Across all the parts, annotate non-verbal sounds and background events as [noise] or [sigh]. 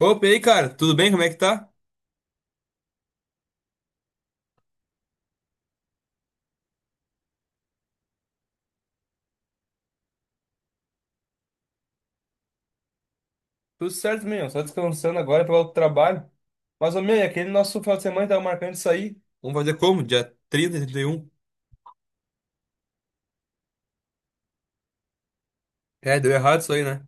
Opa, e aí, cara? Tudo bem? Como é que tá? Tudo certo, meu. Só descansando agora para o trabalho. Mas, ô, meu, e aquele nosso final de semana que tava marcando isso aí. Vamos fazer como? Dia 30 e 31? É, deu errado isso aí, né?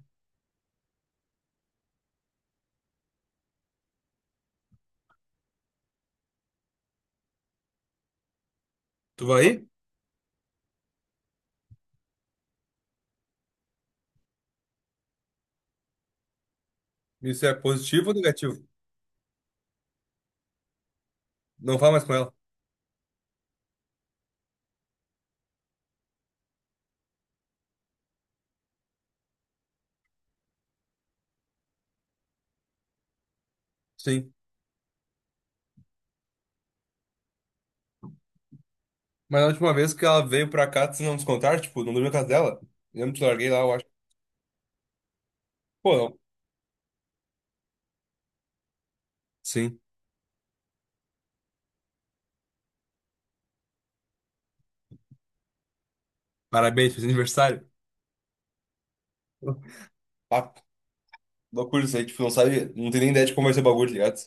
Tu vai ir? Isso é positivo ou negativo? Não fala mais com ela. Sim. Mas na última vez que ela veio pra cá, tu não nos contaram, tipo, não dormiu na casa dela? Lembra que te larguei lá, eu acho. Pô, não. Sim. Parabéns, fez aniversário. Ah, loucura isso aí. Tipo, não sabe, não tem nem ideia de como vai ser o bagulho, tá ligado?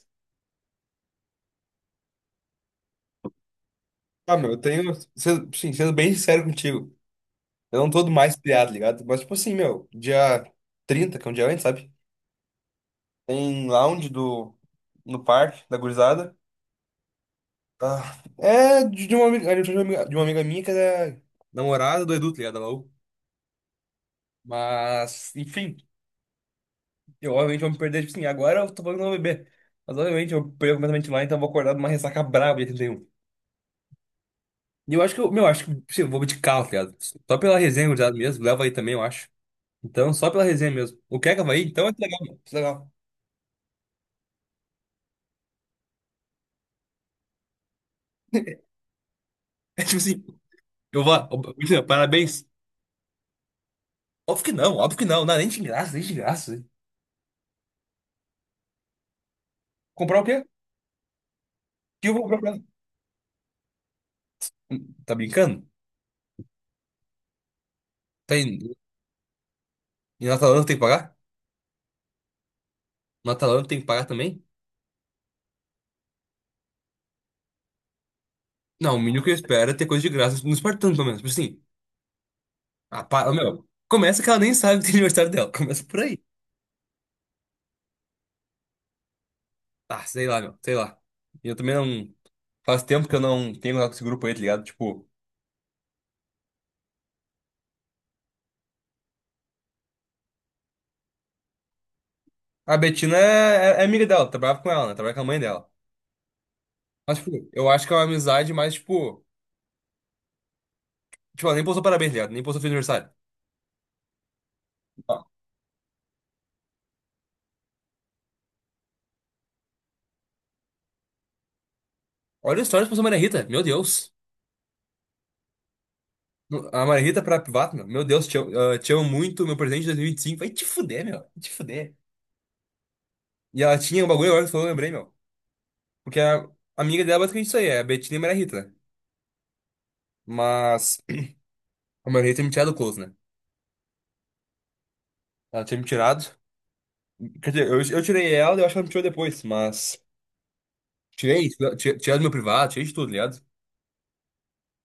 Ah, meu, eu tenho. Sim, sendo bem sincero contigo. Eu não tô do mais pilhado, ligado? Mas, tipo assim, meu, dia 30 que é um dia antes, sabe? Tem lounge no parque, da gurizada. Ah, é de uma amiga, é de uma amiga minha que é namorada do Edu, tá ligado? Da Laú. Mas, enfim, eu obviamente vou me perder, tipo assim, agora eu tô falando que não vou beber. Mas, obviamente, eu perco completamente lá, então eu vou acordar numa ressaca braba dia 31. E um. E eu acho que, sim, eu vou de carro, tá ligado? Só pela resenha, gurizada, mesmo. Leva aí também, eu acho. Então, só pela resenha mesmo. O que é que vai aí então é que legal, mano. Que legal. [laughs] É tipo assim, eu vou. Imagina, parabéns. Óbvio que não, óbvio que não. Não, é nem de graça, nem de graça. Comprar o quê? O que eu vou comprar pra ela? Tá brincando? Tem. E na Atalanta tem que pagar? Na Atalanta tem que pagar também? Não, o mínimo que eu espero é ter coisa de graça no Espartano, pelo menos. Tipo assim. Ah, para, meu. Começa que ela nem sabe que tem aniversário dela. Começa por aí. Ah, sei lá, meu. Sei lá. E eu também não. Faz tempo que eu não tenho contato com esse grupo aí, tá ligado? Tipo, a Betina é amiga dela, trabalhava com ela, né? Trabalha com a mãe dela. Mas, tipo, eu acho que é uma amizade mais, tipo. Tipo, ela nem postou parabéns, tá ligado? Nem postou feliz aniversário. Não. Olha o stories que postou a Maria Rita, meu Deus. A Maria Rita pra privado, meu. Meu Deus, te amo, ah, te amo muito, meu presente de 2025. Vai te fuder, meu. Vai te fuder. E ela tinha um bagulho agora que tu falou, eu lembrei, meu. Porque a amiga dela é basicamente isso aí, é a Betina e a Maria Rita, né? Mas a Maria Rita tinha me tirado o close, né? Ela tinha me tirado. Quer dizer, eu tirei ela, e eu acho que ela me tirou depois, mas. Tirei, tirei, tirei do meu privado, tirei de tudo, tá ligado?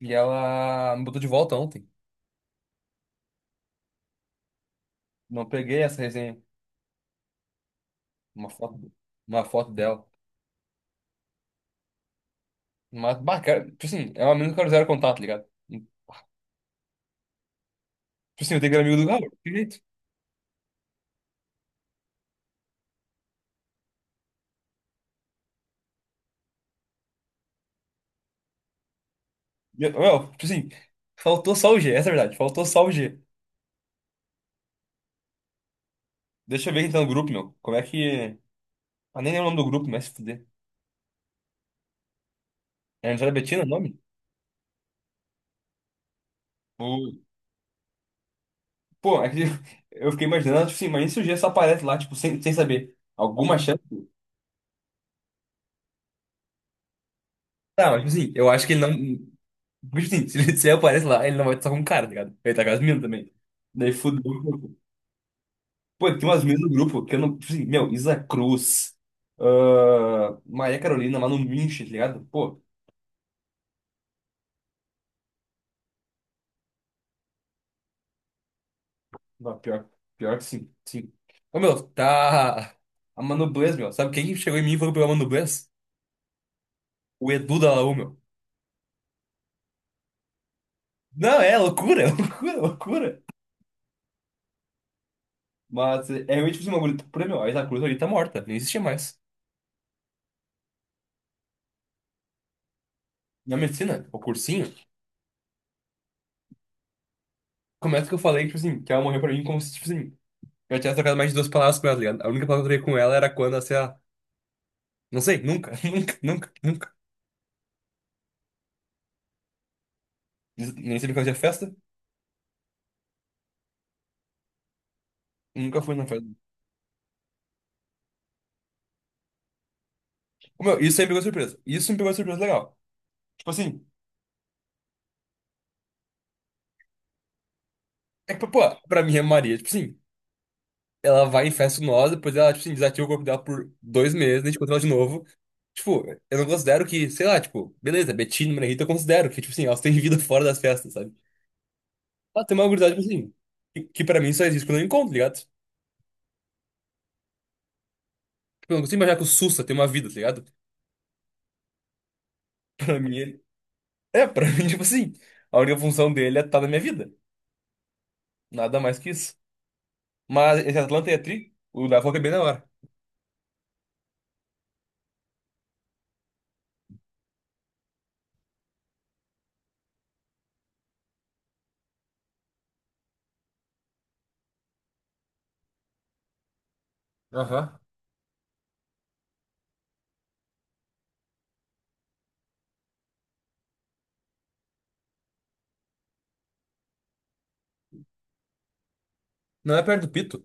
E ela me botou de volta ontem. Não peguei essa resenha, uma foto, uma foto dela. Mas, bah, cara, tipo assim, é um amigo que eu quero zero contato, tá ligado? Tipo assim, eu tenho que ser amigo do Galo, que jeito? Meu, tipo assim, faltou só o G, essa é a verdade, faltou só o G. Deixa eu ver quem tá no grupo, meu. Como é que. Ah, nem lembro o nome do grupo, mas se fuder. É Angela Bettina o nome? O. Pô, é que [laughs] eu fiquei imaginando, tipo assim, mas e se o G só aparece lá, tipo, sem saber? Alguma chance? Tá, mas, tipo assim, eu acho que ele não. Tipo assim, [laughs] se ele aparece lá, ele não vai estar com o cara, tá ligado? Ele tá com as minas também. Daí fudeu. Pô, tem umas meninas no grupo que eu não, tipo assim, meu, Isa Cruz, ah, Maria Carolina, Manu Minch, tá ligado? Pô, não, pior, pior que sim, sim. Ô, meu, tá. A Manu Blaze, meu. Sabe quem chegou em mim e falou pela Manu Blaze? O Edu da Laú, meu. Não, é loucura, [laughs] loucura, loucura. Mas é realmente tipo, assim, uma bagulho. Por meu, a Isa Cruz ali tá morta, nem existia mais. Na medicina, o cursinho, começa que eu falei, tipo assim, que ela morreu pra mim como se, tipo assim, eu tivesse trocado mais de duas palavras com ela, tá ligado? A única palavra que eu troquei com ela era quando, assim, a Não sei, nunca, [laughs] nunca, nunca, nunca. Nem sempre que eu tinha festa, nunca fui na festa. Ô, meu, isso aí me pegou de surpresa. Isso me pegou de surpresa legal. Tipo assim, é que, pô, pra mim é Maria, tipo assim, ela vai em festa nós, depois ela, tipo assim, desativa o corpo dela por 2 meses, a gente encontra ela de novo. Tipo, eu não considero que, sei lá, tipo, beleza, Betina, Maria Rita, eu considero que, tipo assim, elas têm vida [laughs] fora das festas, sabe? Ela tem uma gurizada, tipo assim, que pra mim só existe quando eu encontro, tá ligado? Tipo, eu não consigo imaginar que o Sussa tem uma vida, tá ligado? Pra mim, ele, é, pra [laughs] mim, tipo assim, a única função dele é estar na minha vida. Nada mais que isso. Mas esse Atlanta é tri, o da Foca é bem da hora. Aham. Não é perto do Pito.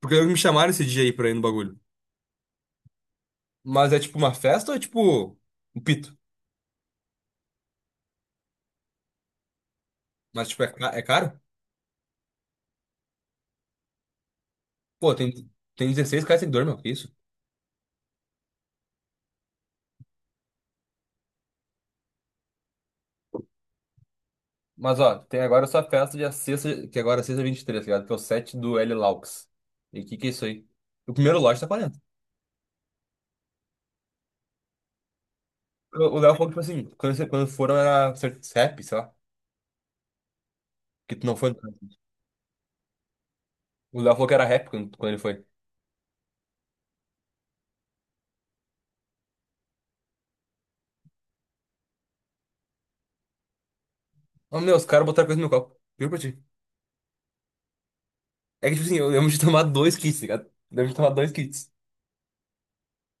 Porque me chamaram esse dia aí pra ir no bagulho. Mas é tipo uma festa ou é tipo um Pito? Mas tipo, é caro? Pô, tem 16 caras seguidor, meu. Que isso? Mas ó, tem agora só a festa de sexta, que agora é sexta 23, tá ligado? Que é o set do L Laux. E o que que é isso aí? O primeiro lote tá 40. O Léo falou que, tipo assim, quando foram era rap, sei lá. Que tu não foi, no caso. O Léo falou que era rap quando ele foi. Ô, meu, os caras botaram coisa no meu copo. Juro pra ti. É que, tipo assim, eu lembro de tomar dois kits, tá ligado? Eu lembro de tomar dois kits.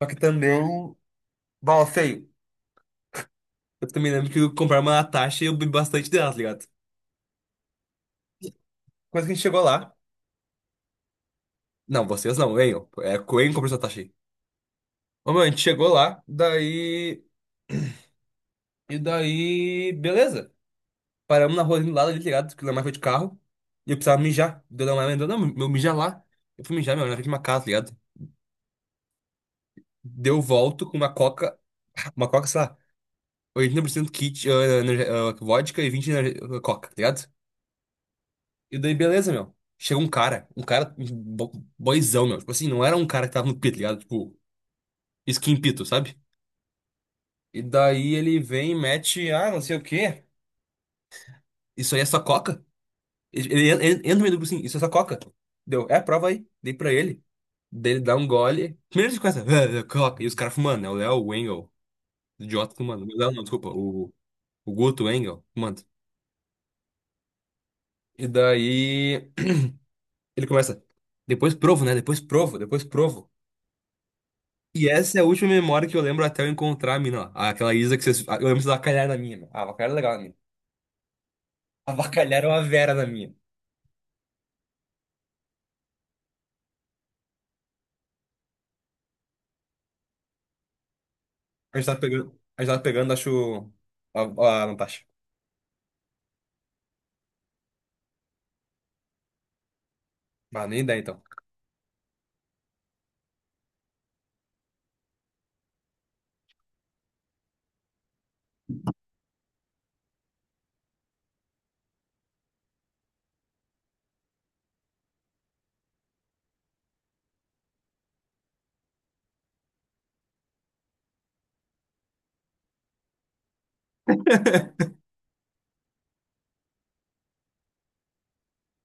Só que também. Bom, feio. Eu também lembro que eu comprei uma Natasha e eu bebi bastante dela, tá ligado? Quando que a gente chegou lá. Não, vocês não, venham. É, Coen comprou essa Natasha aí. Ô, meu, a gente chegou lá, daí. E daí. Beleza. Paramos na rua ali do lado ali, tá ligado? Que o Lemar foi de carro. E eu precisava mijar. Deu Lemar mandou, não, meu, mijar lá. Eu fui mijar, meu, na frente de uma casa, tá ligado? Deu volto com uma coca. Uma coca, sei lá. 80% kit, vodka e 20% coca, tá ligado? E daí, beleza, meu. Chega um cara, um boyzão, meu. Tipo assim, não era um cara que tava no pito, tá ligado? Tipo, skin pito, sabe? E daí ele vem e mete, ah, não sei o quê. Isso aí é só coca? Ele entra no meio do grupo assim, isso é só coca. Deu, é, prova aí. Dei pra ele. Daí ele dá um gole. Primeiro ele começa, "Ah, é coca. E os caras fumando, né? O Léo, o Engel, o idiota fumando. O Léo não, desculpa, o Guto, o Engel, fumando. E daí ele começa, depois provo, né? Depois provo, depois provo. E essa é a última memória que eu lembro até eu encontrar a mina, ó. Aquela Isa que vocês. Eu lembro que vocês avacalharam a minha, meu. Ah, avacalharam é legal a minha. Avacalharam a Vera na minha. A gente tava pegando, acho. A, a Natasha. Ah, nem ideia então.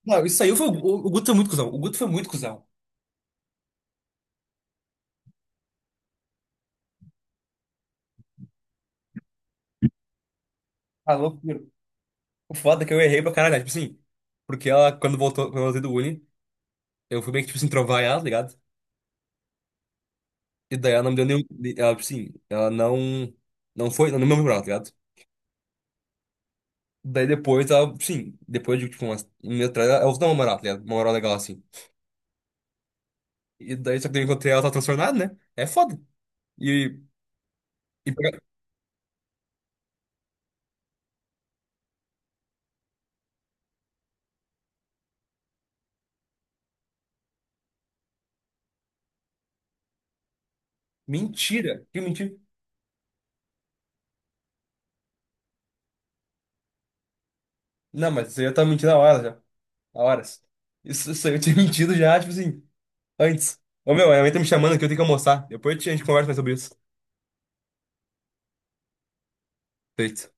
Não, isso aí foi. O Guto foi muito cuzão. O Guto foi muito cuzão. Ah, loucura. O foda é que eu errei pra caralho, né? Tipo assim. Porque ela, quando voltou, quando eu voltei do Uni, eu fui meio que, tipo assim, trovar ela, tá ligado? E daí ela não me deu nenhum. Ela, tipo assim, ela não. Não foi. Não me lembrou, tá ligado? Daí depois, ela, sim, depois de tipo, umas, um mês atrás, ela usou uma moral, tá ligado? Uma moral legal assim. E daí só que eu encontrei ela, tá transtornada, né? É foda. E, e Mentira! Que mentira! Não, mas você já tá mentindo há horas já. Há horas. Isso aí eu tinha [laughs] mentido já, tipo assim, antes. Ô meu, a minha mãe tá me chamando aqui, eu tenho que almoçar. Depois a gente conversa mais sobre isso. Feito.